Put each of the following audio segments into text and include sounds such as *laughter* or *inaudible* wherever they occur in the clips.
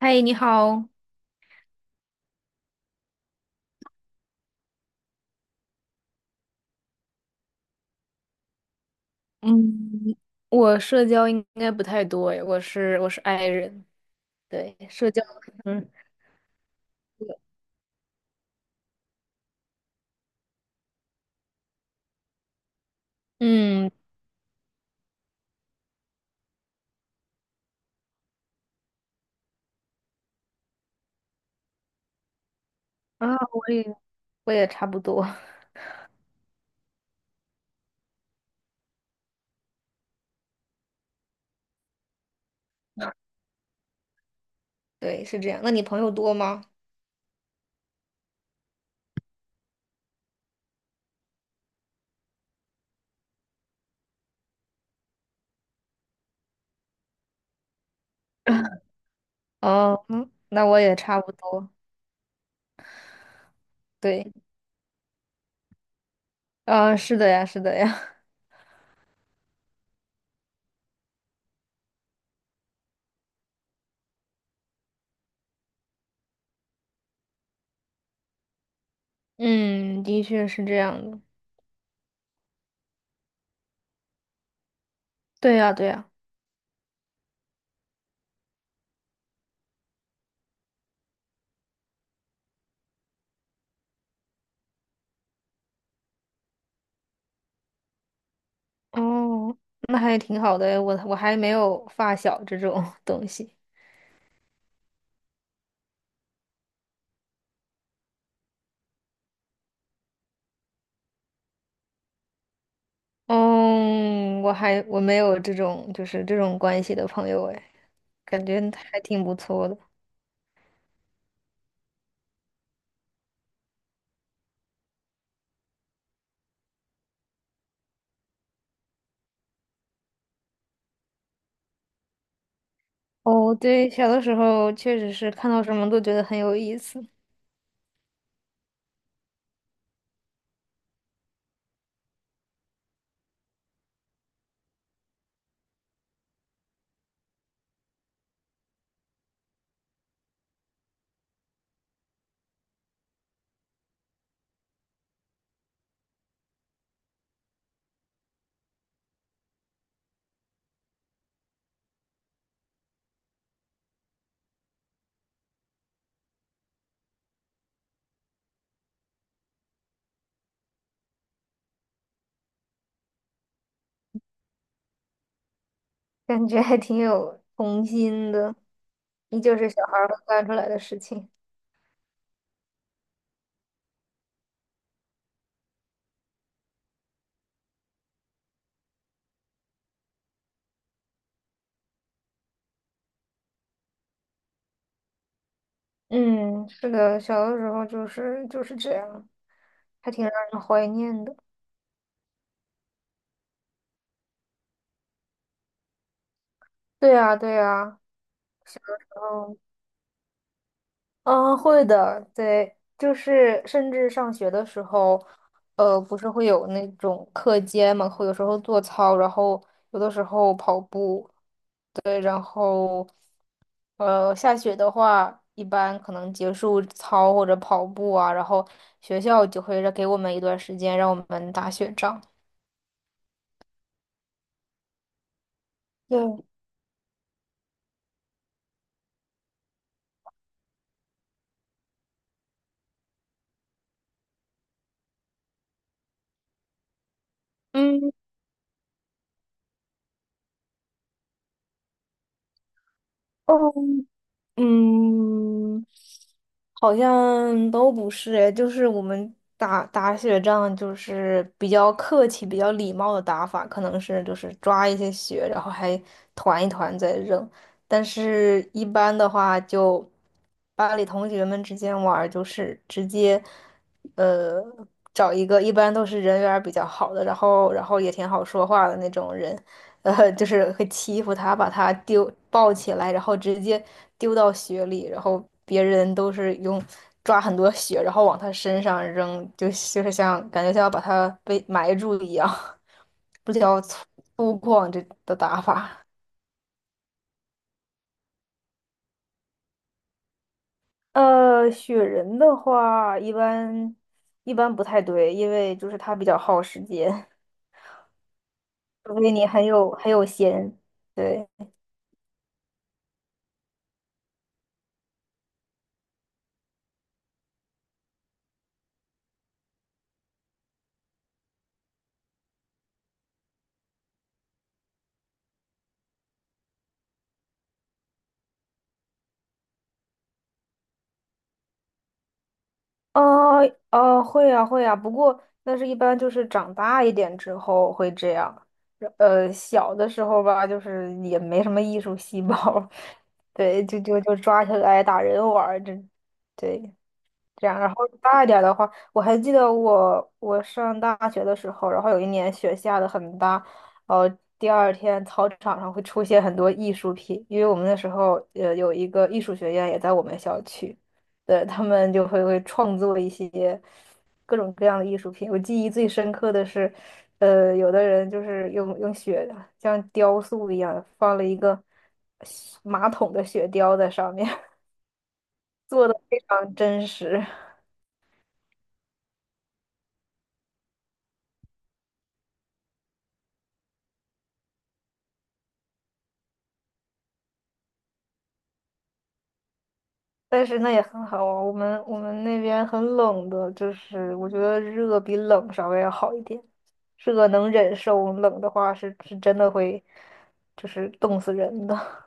嗨，你好。嗯，我社交应该不太多诶，我是 i 人，对，社交，嗯嗯啊，我也 *laughs* 我也差不多。*laughs* 对，是这样。那你朋友多吗？*laughs* 哦，那我也差不多，对，啊，是的呀，是的呀。*laughs* 嗯，的确是这样的。对呀，对呀，哦，那还挺好的诶，我还没有发小这种 *laughs* 东西。嗯，我还没有这种关系的朋友诶。感觉还挺不错的。哦，对，小的时候确实是看到什么都觉得很有意思。感觉还挺有童心的，依旧是小孩儿会干出来的事情。嗯，是的，小的时候就是这样，还挺让人怀念的。对啊，对啊，嗯嗯，啊会的，对，就是甚至上学的时候，不是会有那种课间嘛，会有时候做操，然后有的时候跑步。对，然后下雪的话，一般可能结束操或者跑步啊，然后学校就会让给我们一段时间让我们打雪仗。对，嗯，哦，嗯。好像都不是诶，就是我们打打雪仗，就是比较客气、比较礼貌的打法，可能是就是抓一些雪，然后还团一团再扔。但是一般的话就，班里同学们之间玩儿，就是直接呃找一个，一般都是人缘儿比较好的，然后也挺好说话的那种人，就是会欺负他，把他丢抱起来，然后直接丢到雪里，然后别人都是用抓很多雪，然后往他身上扔，就是像感觉像要把他被埋住一样，*laughs* 比较粗犷这的打法。雪人的话，一般不太对，因为就是他比较耗时间，除非你很有闲，对。哦哦，会呀会呀，不过那是一般就是长大一点之后会这样，小的时候吧，就是也没什么艺术细胞，*laughs* 对，就抓起来打人玩儿，这，对，这样，然后大一点儿的话，我还记得我上大学的时候，然后有一年雪下的很大，呃，第二天操场上会出现很多艺术品，因为我们那时候有一个艺术学院也在我们校区，对，他们就会创作一些各种各样的艺术品。我记忆最深刻的是，有的人就是用雪像雕塑一样放了一个马桶的雪雕在上面，*laughs* 做的非常真实。但是那也很好啊，我们那边很冷的，就是我觉得热比冷稍微要好一点，热能忍受，冷的话是真的会就是冻死人的。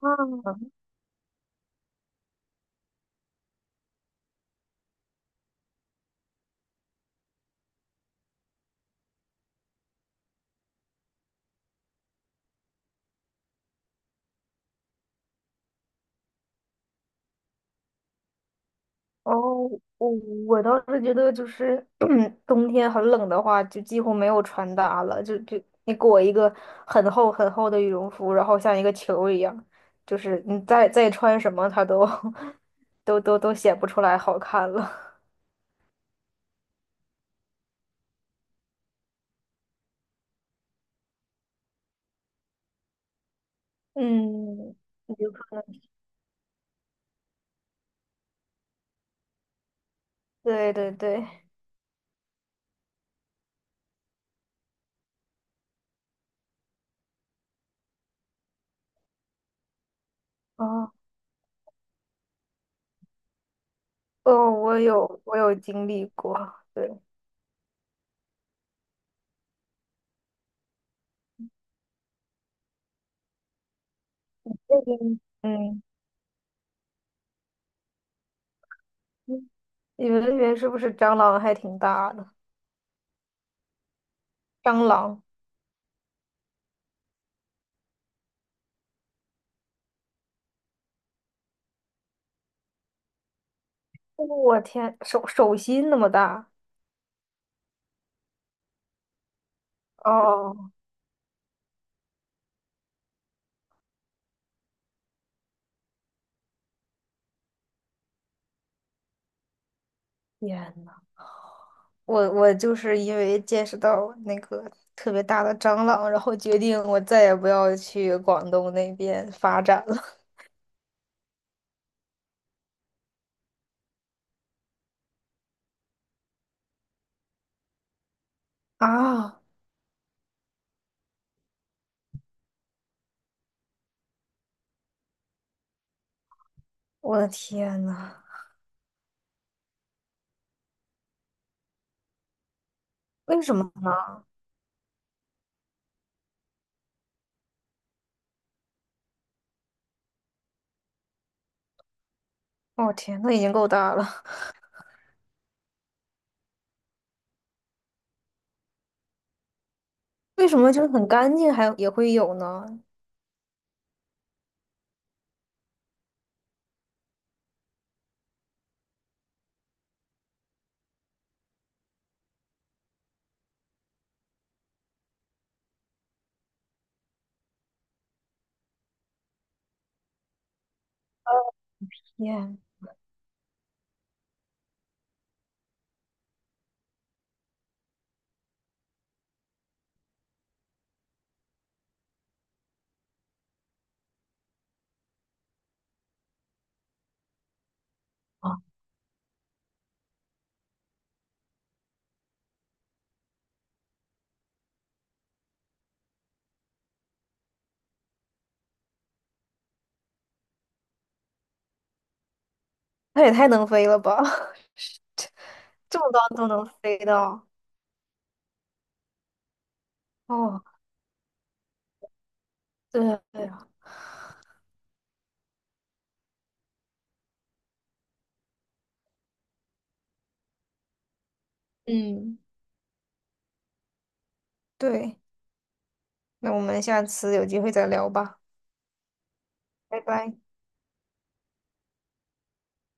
嗯，*laughs* 哦，我我倒是觉得就是 *clears throat* 冬天很冷的话，就几乎没有穿搭了，就你裹一个很厚很厚的羽绒服，然后像一个球一样，就是你再穿什么，它都 *laughs* 都显不出来好看了。*laughs* 嗯。对对对，哦哦，我有经历过，对，那边嗯，嗯你们那边是不是蟑螂还挺大的？蟑螂，哦我天，手心那么大，哦，天呐，我就是因为见识到那个特别大的蟑螂，然后决定我再也不要去广东那边发展了。啊，我的天呐，为什么呢？哦天，那已经够大了，为什么就是很干净还也会有呢？耶，啊，那也太能飞了吧！*laughs* 这么高都能飞到，哦，对对啊，嗯，对，那我们下次有机会再聊吧，拜拜。